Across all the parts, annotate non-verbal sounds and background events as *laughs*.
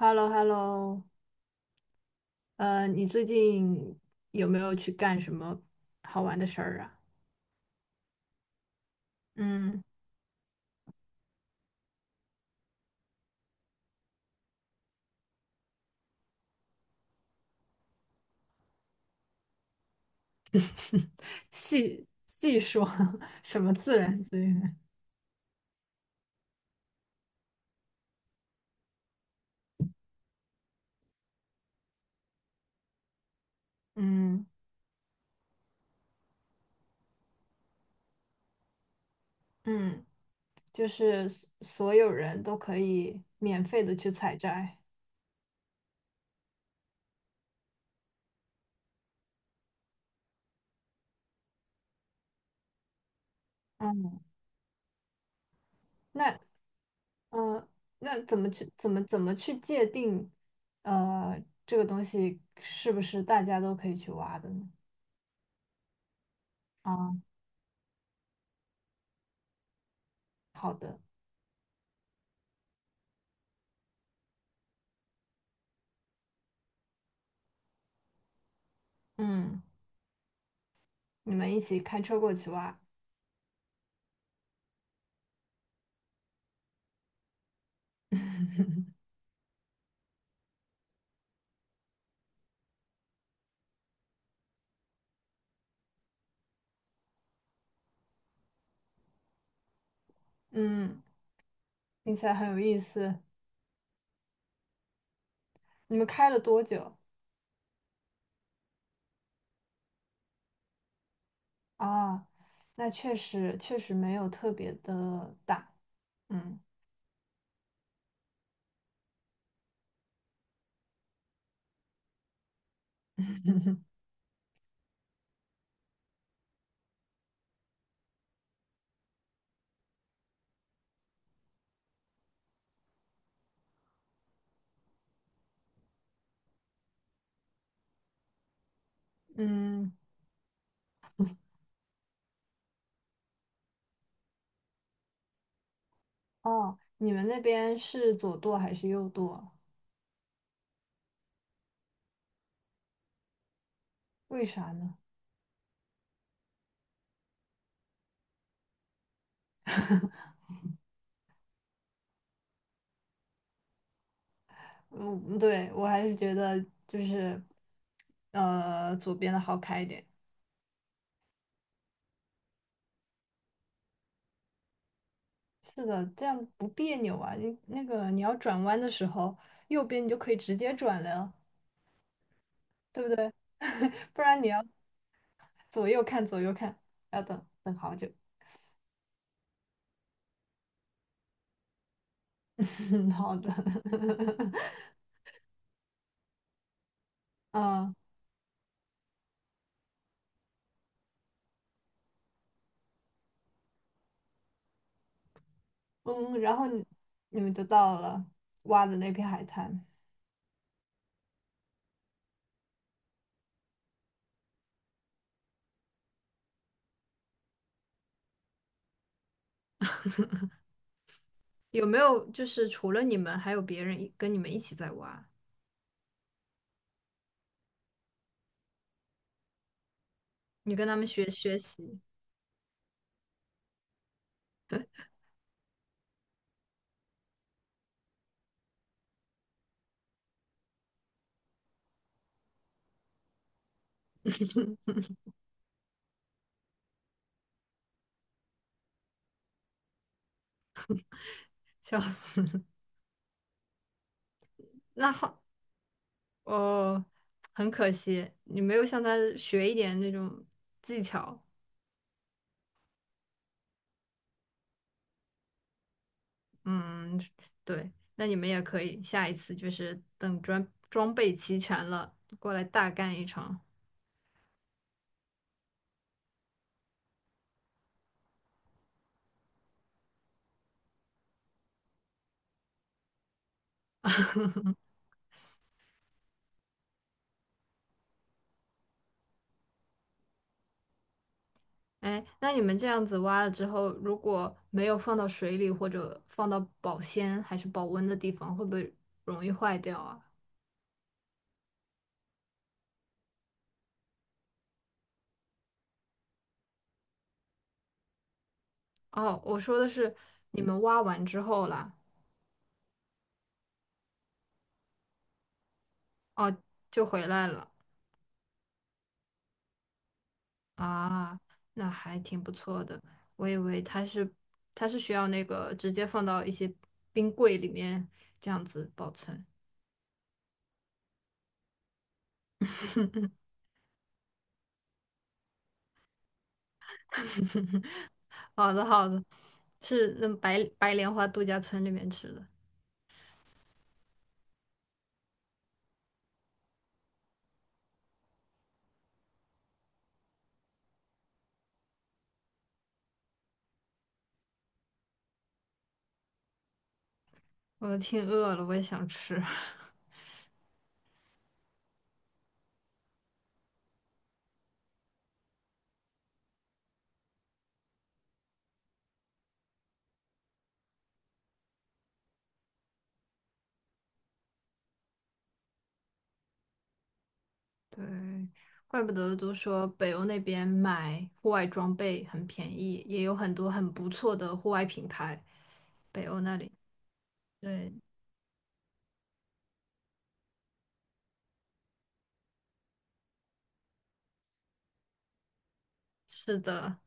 h e l l o h e l l o 你最近有没有去干什么好玩的事儿啊？嗯。*laughs* 细细说。 *laughs*，什么自然资源？嗯嗯，就是所有人都可以免费的去采摘。嗯，那嗯呃，那怎么去界定这个东西是不是大家都可以去挖的呢？啊，好的。嗯，你们一起开车过去挖。嗯。听起来很有意思。你们开了多久啊？那确实没有特别的大。嗯嗯。哦，你们那边是左舵还是右舵？为啥呢？嗯，对，我还是觉得就是左边的好开一点。是的，这样不别扭啊。你那个你要转弯的时候，右边你就可以直接转了，对不对？*laughs* 不然你要左右看左右看，要等等好久。*laughs* 嗯，好的。*laughs* 嗯嗯，然后你你们就到了挖的那片海滩。有没有就是除了你们，还有别人一跟你们一起在挖？你跟他们学学习。笑死。*laughs* 那好，哦，很可惜，你没有向他学一点那种技巧。嗯，对，那你们也可以，下一次就是等装备齐全了，过来大干一场。哎，那你们这样子挖了之后，如果没有放到水里或者放到保鲜还是保温的地方，会不会容易坏掉啊？哦，我说的是你们挖完之后啦。哦，就回来了啊，那还挺不错的。我以为它是它是需要那个直接放到一些冰柜里面这样子保存。*laughs* 好的好的，是那白莲花度假村里面吃的。我挺饿了，我也想吃。*laughs* 对，怪不得都说北欧那边买户外装备很便宜，也有很多很不错的户外品牌。北欧那里，对，是的。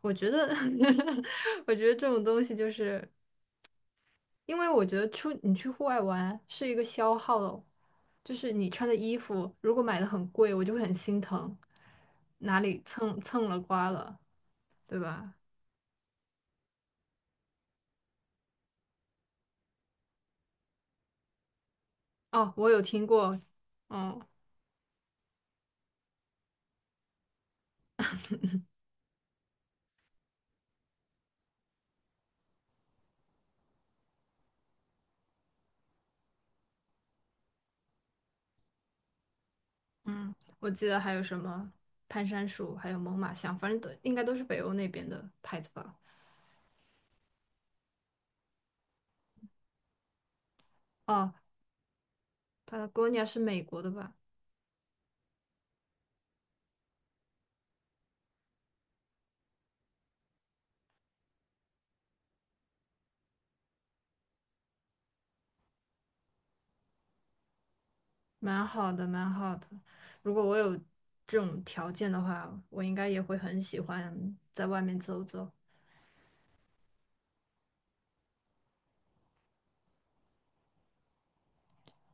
我觉得，*laughs* 我觉得这种东西就是，因为我觉得出你去户外玩是一个消耗，就是你穿的衣服如果买的很贵，我就会很心疼，哪里蹭蹭了刮了，对吧？哦，我有听过。嗯，嗯，我记得还有什么攀山鼠，还有猛犸象，反正都应该都是北欧那边的牌子吧。哦，Patagonia 是美国的吧？蛮好的，蛮好的。如果我有这种条件的话，我应该也会很喜欢在外面走走。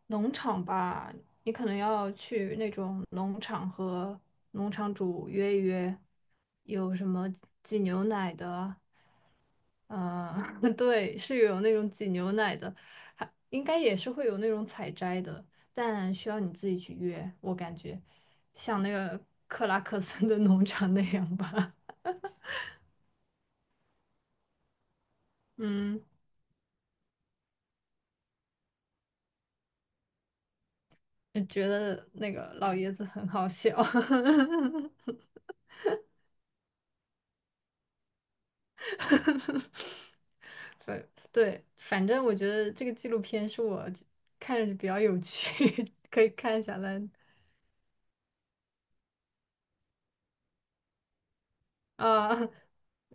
农场吧，你可能要去那种农场和农场主约一约，有什么挤牛奶的，呃，*laughs* 对，是有那种挤牛奶的，还应该也是会有那种采摘的，但需要你自己去约，我感觉像那个克拉克森的农场那样吧。*laughs* 嗯，觉得那个老爷子很好笑。*laughs* 对。 *laughs* 对，反正我觉得这个纪录片是我就看着比较有趣。*laughs* 可以看下来。啊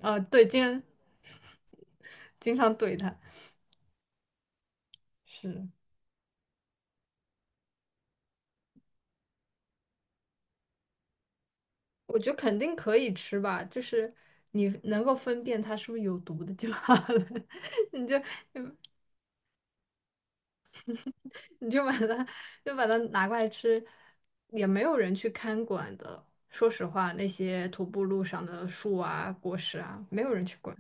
啊，对，经常怼他，是，我觉得肯定可以吃吧，就是你能够分辨它是不是有毒的就好了。*laughs* 你就你就把它把它拿过来吃，也没有人去看管的。说实话，那些徒步路上的树啊、果实啊，没有人去管。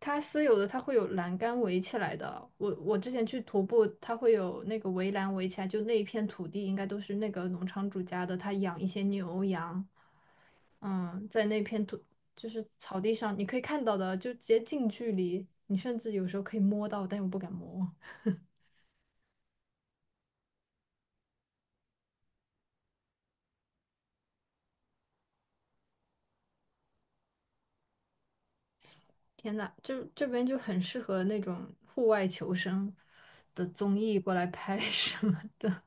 它私有的它会有栏杆围起来的。我之前去徒步，它会有那个围栏围起来，就那一片土地应该都是那个农场主家的，他养一些牛羊，嗯，在那片土就是草地上，你可以看到的，就直接近距离，你甚至有时候可以摸到，但又不敢摸。天呐，就这边就很适合那种户外求生的综艺过来拍。 *laughs* 什么的。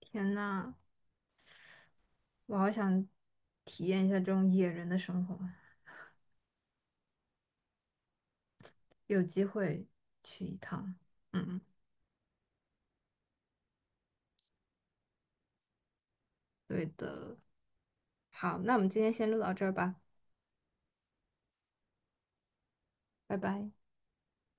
天呐，我好想体验一下这种野人的生活。有机会去一趟。嗯，对的。好，那我们今天先录到这儿吧。拜拜。